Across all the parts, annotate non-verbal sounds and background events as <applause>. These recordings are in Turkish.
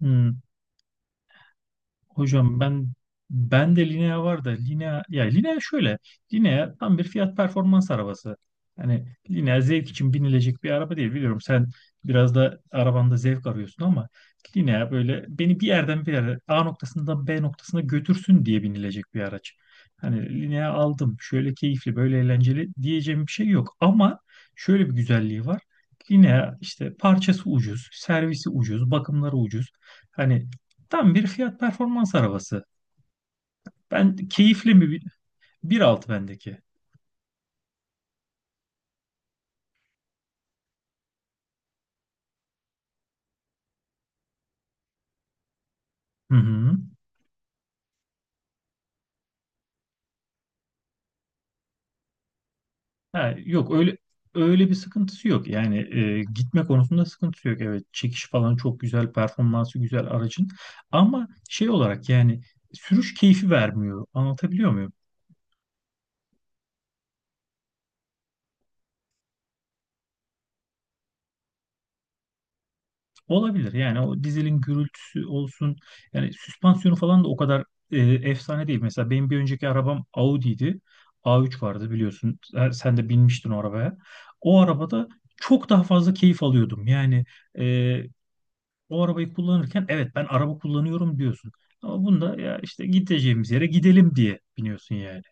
Hmm, hocam, ben de Linea var da Linea ya Linea şöyle Linea tam bir fiyat performans arabası. Hani Linea zevk için binilecek bir araba değil, biliyorum. Sen biraz da arabanda zevk arıyorsun, ama Linea böyle beni bir yerden bir yere, A noktasından B noktasına götürsün diye binilecek bir araç. Hani Linea aldım, şöyle keyifli, böyle eğlenceli diyeceğim bir şey yok, ama şöyle bir güzelliği var. Linea işte parçası ucuz, servisi ucuz, bakımları ucuz. Hani tam bir fiyat performans arabası. Ben keyifli mi? 1.6 bendeki. Hı hı. Ha, yok, öyle bir sıkıntısı yok. Yani gitme konusunda sıkıntısı yok. Evet, çekiş falan çok güzel, performansı güzel aracın. Ama şey olarak yani sürüş keyfi vermiyor. Anlatabiliyor muyum? Olabilir yani, o dizelin gürültüsü olsun, yani süspansiyonu falan da o kadar efsane değil. Mesela benim bir önceki arabam Audi'ydi. A3 vardı, biliyorsun. Sen de binmiştin o arabaya. O arabada çok daha fazla keyif alıyordum. Yani e, o arabayı kullanırken evet ben araba kullanıyorum diyorsun. Ama bunda ya işte gideceğimiz yere gidelim diye biniyorsun yani.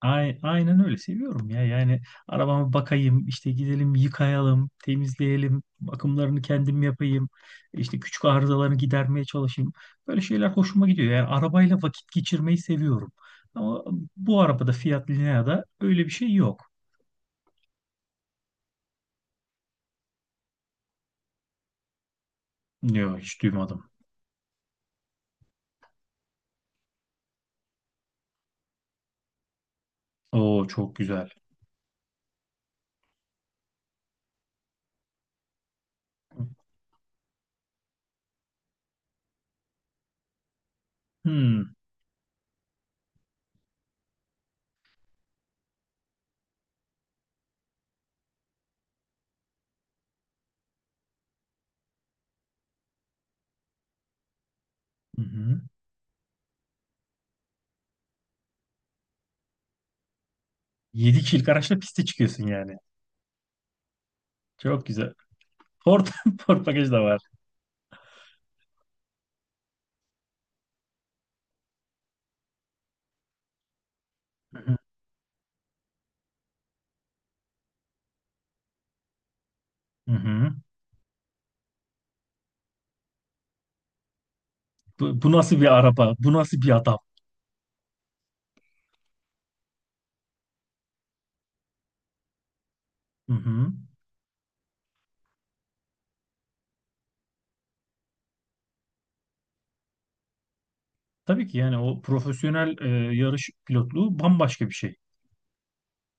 Aynen öyle seviyorum ya yani, arabama bakayım işte, gidelim yıkayalım temizleyelim, bakımlarını kendim yapayım, işte küçük arızalarını gidermeye çalışayım, böyle şeyler hoşuma gidiyor yani, arabayla vakit geçirmeyi seviyorum, ama bu arabada, Fiat Linea'da öyle bir şey yok. Yok, hiç duymadım. Oo, çok güzel. Hmm. Hı hı. 7 kişilik araçla piste çıkıyorsun yani. Çok güzel. Ford, <laughs> Ford bagaj da var. Hı hı. Hı hı. Bu nasıl bir araba? Bu nasıl bir adam? Hı hı. Tabii ki yani o profesyonel yarış pilotluğu bambaşka bir şey.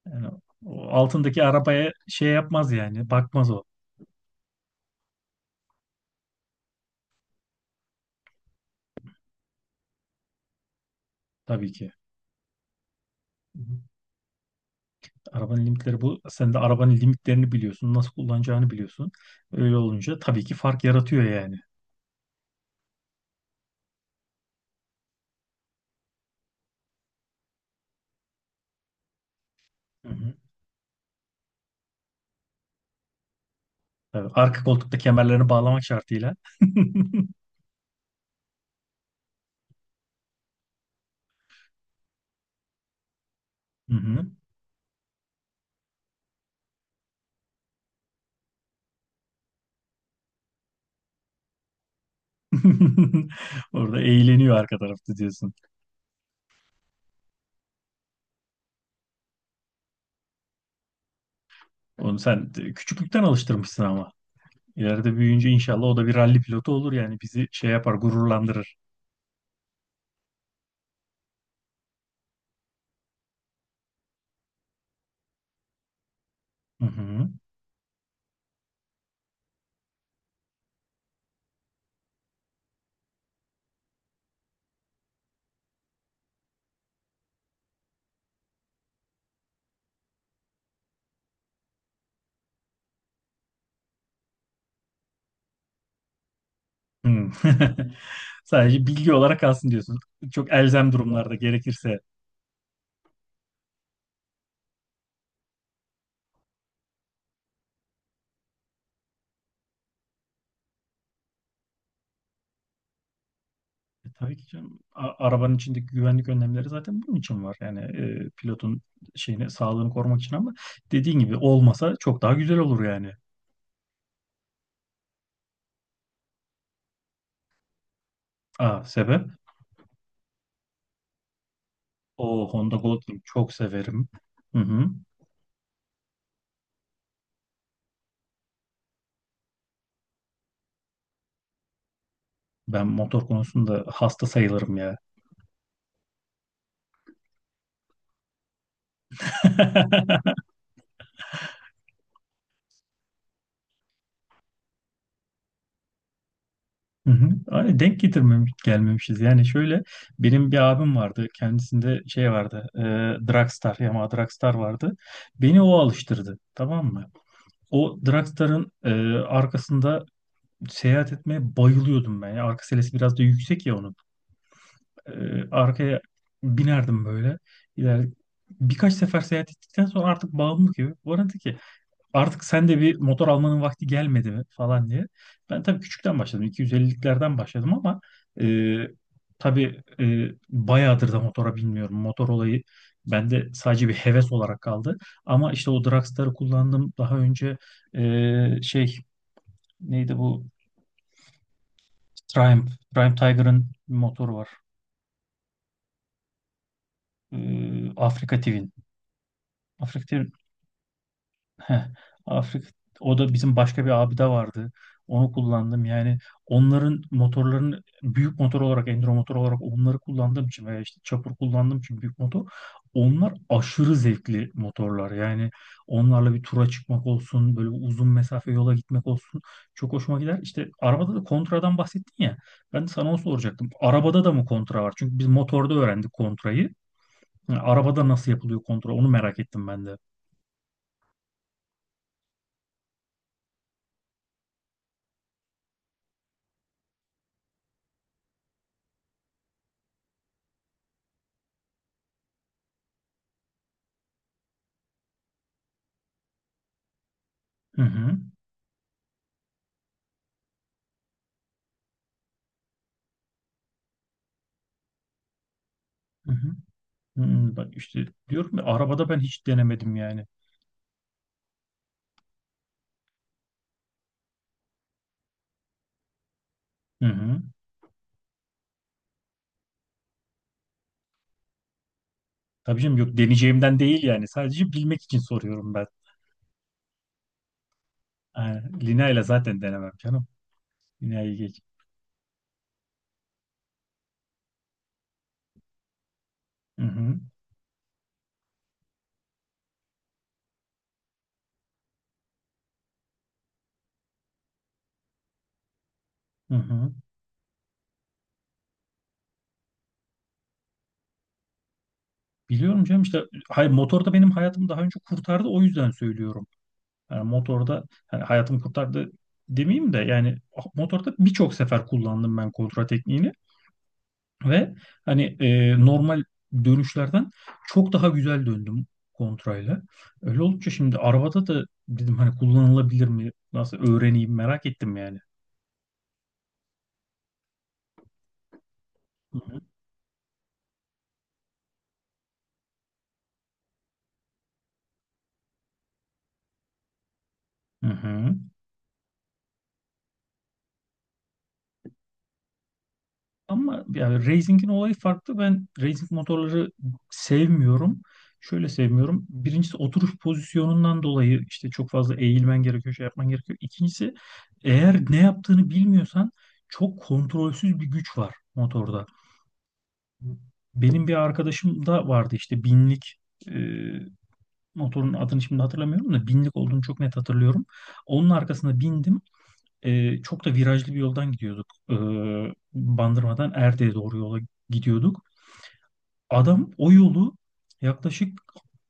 Yani o altındaki arabaya şey yapmaz yani, bakmaz o, tabii ki. Hı hı. Arabanın limitleri bu. Sen de arabanın limitlerini biliyorsun, nasıl kullanacağını biliyorsun. Öyle olunca tabii ki fark yaratıyor yani. Hı hı. Tabii, arka koltukta kemerlerini bağlamak şartıyla. <laughs> Hı hı. <laughs> Orada eğleniyor arka tarafta diyorsun. Onu sen küçüklükten alıştırmışsın ama. İleride büyüyünce inşallah o da bir ralli pilotu olur yani, bizi şey yapar, gururlandırır. Hı hı. Hı. <laughs> Sadece bilgi olarak kalsın diyorsun. Çok elzem durumlarda gerekirse. Tabii ki canım. Arabanın içindeki güvenlik önlemleri zaten bunun için var. Yani pilotun şeyini, sağlığını korumak için, ama dediğin gibi olmasa çok daha güzel olur yani. Aa, sebep? O Honda Goldwing çok severim. Hı hı. Ben motor konusunda hasta sayılırım ya. <laughs> Hı hı. Ay, denk getirmemiş, gelmemişiz. Yani şöyle, benim bir abim vardı. Kendisinde şey vardı. Dragstar, Yamaha Dragstar vardı. Beni o alıştırdı. Tamam mı? O Dragstar'ın arkasında seyahat etmeye bayılıyordum ben. Ya, arka selesi biraz da yüksek ya onun. E, Arkaya binerdim böyle. İler, Birkaç sefer seyahat ettikten sonra artık bağımlı gibi. Bana dedi ki artık sen de bir motor almanın vakti gelmedi mi falan diye. Ben tabii küçükten başladım. 250'liklerden başladım, ama e, tabii bayağıdır da motora binmiyorum. Motor olayı bende sadece bir heves olarak kaldı. Ama işte o Dragstar'ı kullandım. Daha önce şey neydi bu? Triumph. Triumph Tiger'ın bir motoru var. E, Afrika Twin. Afrika Heh, Afrika, o da bizim başka bir abi de vardı. Onu kullandım. Yani onların, motorların, büyük motor olarak, enduro motor olarak onları kullandığım için, veya işte çapur kullandığım için büyük motor. Onlar aşırı zevkli motorlar. Yani onlarla bir tura çıkmak olsun, böyle uzun mesafe yola gitmek olsun, çok hoşuma gider. İşte arabada da kontradan bahsettin ya. Ben de sana onu soracaktım. Arabada da mı kontra var? Çünkü biz motorda öğrendik kontrayı. Yani arabada nasıl yapılıyor kontra? Onu merak ettim ben de. Hı hı. Hı hı. Bak işte diyorum ya, arabada ben hiç denemedim yani. Hı hı. Tabii canım, yok deneyeceğimden değil yani. Sadece bilmek için soruyorum ben. Yani, Lina ile zaten denemem canım. Lina'yı geç. Hı hı. Hı hı. Biliyorum canım, işte hayır, motor da benim hayatımı daha önce kurtardı, o yüzden söylüyorum. Yani motorda hani hayatımı kurtardı demeyeyim de yani, motorda birçok sefer kullandım ben kontra tekniğini. Ve hani, normal dönüşlerden çok daha güzel döndüm kontrayla. Öyle olunca şimdi arabada da dedim, hani kullanılabilir mi? Nasıl öğreneyim merak ettim yani. Hı hı. Hı hı. Ama yani racing'in olayı farklı. Ben racing motorları sevmiyorum. Şöyle sevmiyorum. Birincisi, oturuş pozisyonundan dolayı işte çok fazla eğilmen gerekiyor, şey yapman gerekiyor. İkincisi, eğer ne yaptığını bilmiyorsan, çok kontrolsüz bir güç var motorda. Benim bir arkadaşım da vardı, işte binlik, e, motorun adını şimdi hatırlamıyorum da binlik olduğunu çok net hatırlıyorum. Onun arkasına bindim. Çok da virajlı bir yoldan gidiyorduk. Bandırma'dan Erde'ye doğru yola gidiyorduk. Adam o yolu yaklaşık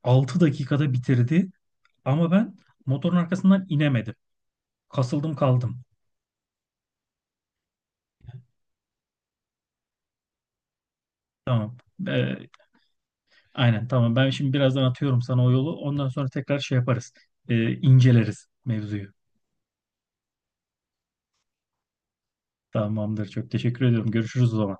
6 dakikada bitirdi, ama ben motorun arkasından inemedim. Kasıldım kaldım. Tamam. E, aynen tamam. Ben şimdi birazdan atıyorum sana o yolu. Ondan sonra tekrar şey yaparız. İnceleriz mevzuyu. Tamamdır. Çok teşekkür ediyorum. Görüşürüz o zaman.